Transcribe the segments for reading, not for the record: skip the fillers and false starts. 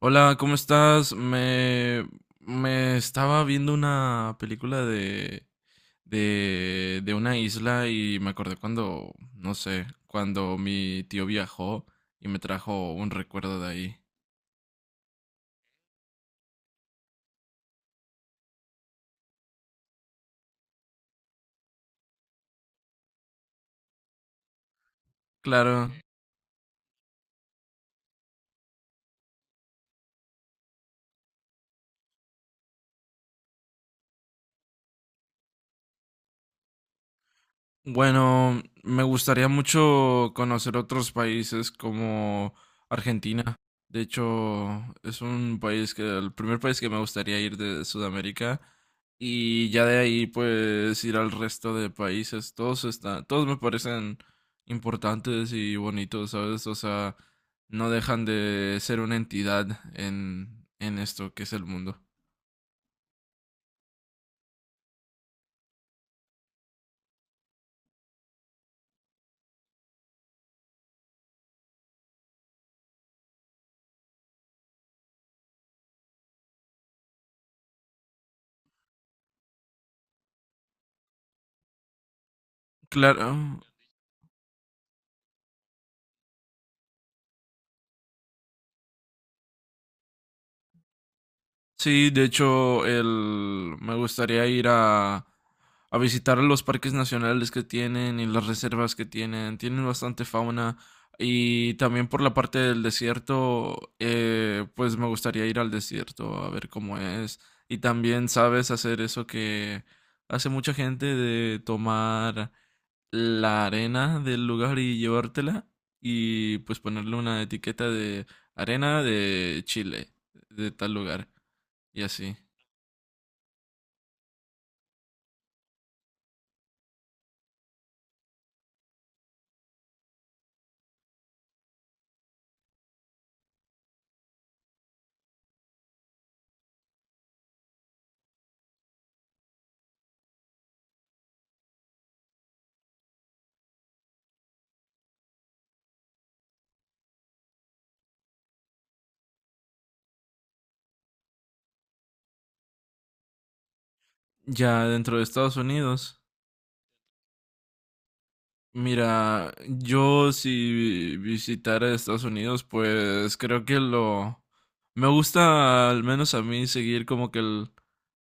Hola, ¿cómo estás? Me estaba viendo una película de una isla y me acordé cuando, no sé, cuando mi tío viajó y me trajo un recuerdo de ahí. Claro. Bueno, me gustaría mucho conocer otros países como Argentina. De hecho, es un país que el primer país que me gustaría ir de Sudamérica y ya de ahí pues ir al resto de países. Todos están, todos me parecen importantes y bonitos, ¿sabes? O sea, no dejan de ser una entidad en esto que es el mundo. Claro. Sí, de hecho, me gustaría ir a visitar los parques nacionales que tienen y las reservas que tienen. Tienen bastante fauna y también por la parte del desierto, pues me gustaría ir al desierto a ver cómo es. Y también sabes hacer eso que hace mucha gente de tomar la arena del lugar y llevártela y pues ponerle una etiqueta de arena de Chile, de tal lugar y así. Ya dentro de Estados Unidos, mira, yo si visitara Estados Unidos, pues creo que lo... Me gusta al menos a mí seguir como que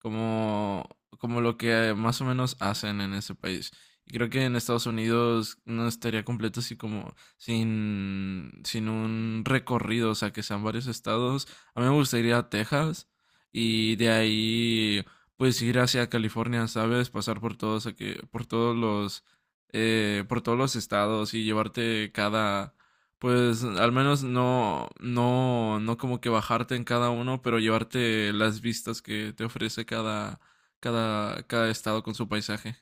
como, como lo que más o menos hacen en ese país. Y creo que en Estados Unidos no estaría completo así como sin un recorrido, o sea, que sean varios estados. A mí me gustaría ir a Texas y de ahí pues ir hacia California, ¿sabes? Pasar por por todos los, por todos los estados y llevarte cada, pues al menos no, no, no como que bajarte en cada uno, pero llevarte las vistas que te ofrece cada estado con su paisaje.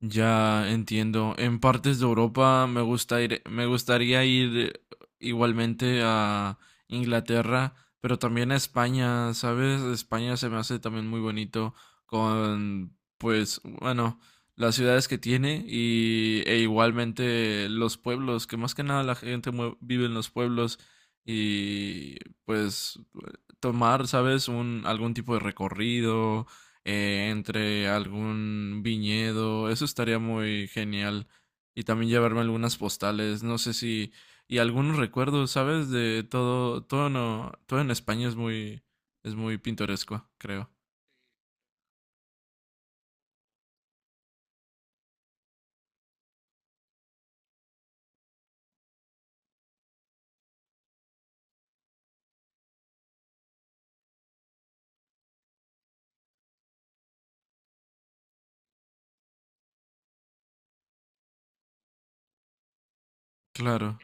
Ya entiendo. En partes de Europa me gustaría ir igualmente a Inglaterra, pero también a España, ¿sabes? España se me hace también muy bonito con, pues, bueno, las ciudades que tiene y, e igualmente los pueblos, que más que nada vive en los pueblos y, pues, tomar, ¿sabes? Un, algún tipo de recorrido entre algún viñedo. Eso estaría muy genial. Y también llevarme algunas postales, no sé si... Y algunos recuerdos, ¿sabes? De todo, todo no, todo en España es muy pintoresco, creo. Claro,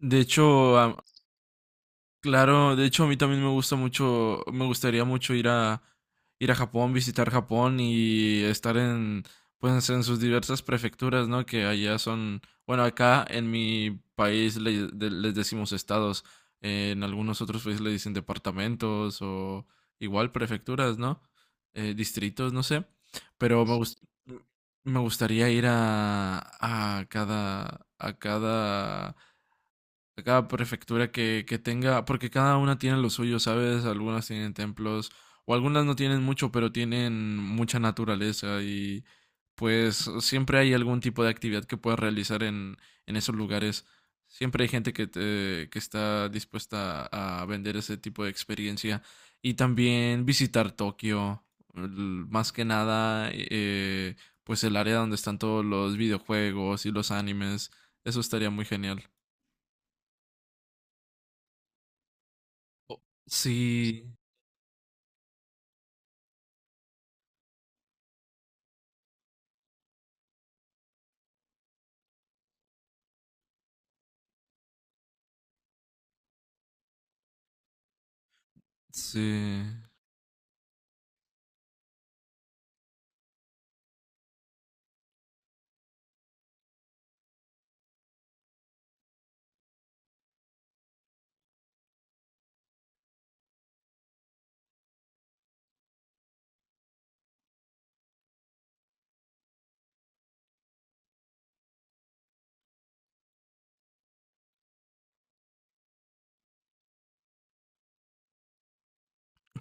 de hecho a Claro, de hecho a mí también me gusta mucho, me gustaría mucho ir a Japón, visitar Japón y estar en pues en sus diversas prefecturas, ¿no? Que allá son, bueno, acá en mi país les decimos estados, en algunos otros países le dicen departamentos o igual prefecturas, ¿no? Distritos, no sé, pero me gustaría ir a a cada a cada cada prefectura que tenga, porque cada una tiene lo suyo, ¿sabes? Algunas tienen templos, o algunas no tienen mucho, pero tienen mucha naturaleza y pues siempre hay algún tipo de actividad que puedas realizar en esos lugares. Siempre hay gente que está dispuesta a vender ese tipo de experiencia y también visitar Tokio, l- más que nada, pues el área donde están todos los videojuegos y los animes. Eso estaría muy genial. Oh, sí, sí,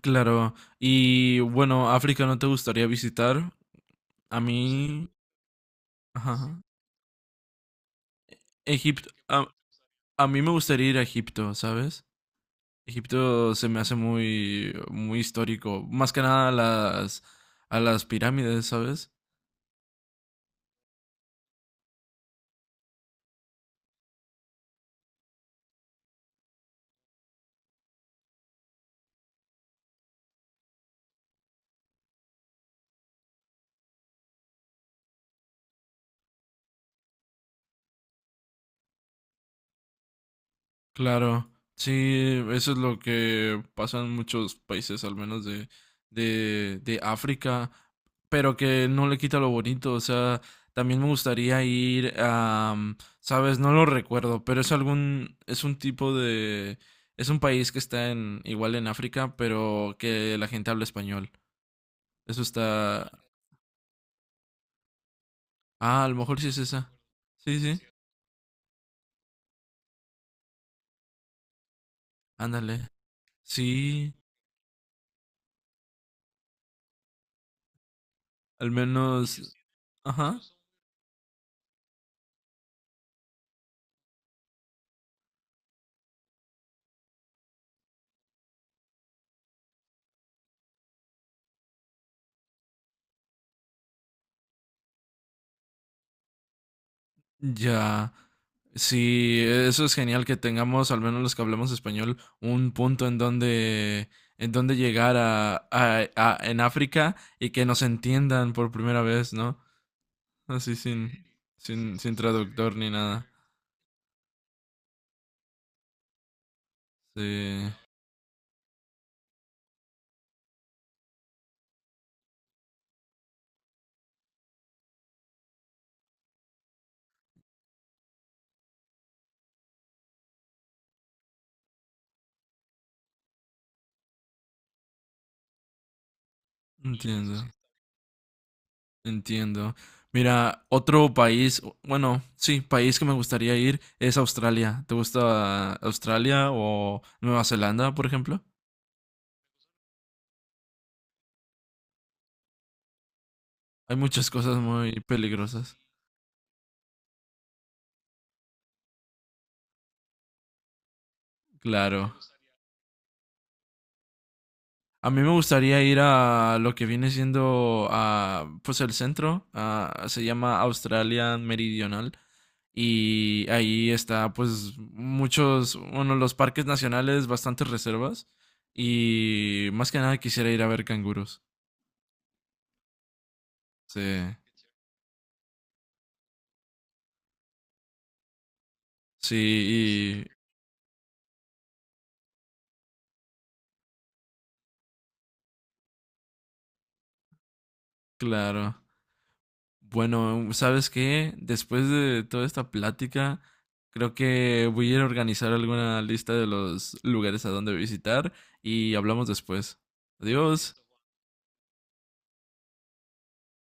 claro. Y bueno, ¿África no te gustaría visitar? A mí, ajá. Egipto, a mí me gustaría ir a Egipto, ¿sabes? Egipto se me hace muy, muy histórico. Más que nada a las, a las pirámides, ¿sabes? Claro, sí, eso es lo que pasa en muchos países, al menos de África, pero que no le quita lo bonito, o sea, también me gustaría ir a, mm, sabes, no lo recuerdo, pero es algún, es un tipo de, es un país que está en, igual en África, pero que la gente habla español. Eso está, ah, a lo mejor sí es esa. Sí, sí, ándale. Sí, al menos, ajá. Ya, sí, eso es genial que tengamos, al menos los que hablamos español, un punto en donde llegar en África y que nos entiendan por primera vez, ¿no? Así sin traductor ni nada. Sí, entiendo, entiendo. Mira, otro país, bueno, sí, país que me gustaría ir es Australia. ¿Te gusta Australia o Nueva Zelanda, por ejemplo? Hay muchas cosas muy peligrosas. Claro. A mí me gustaría ir a lo que viene siendo a, pues el centro, se llama Australia Meridional y ahí está pues muchos, bueno, los parques nacionales, bastantes reservas y más que nada quisiera ir a ver canguros. Sí, sí, y claro. Bueno, ¿sabes qué? Después de toda esta plática, creo que voy a ir a organizar alguna lista de los lugares a donde visitar y hablamos después. Adiós.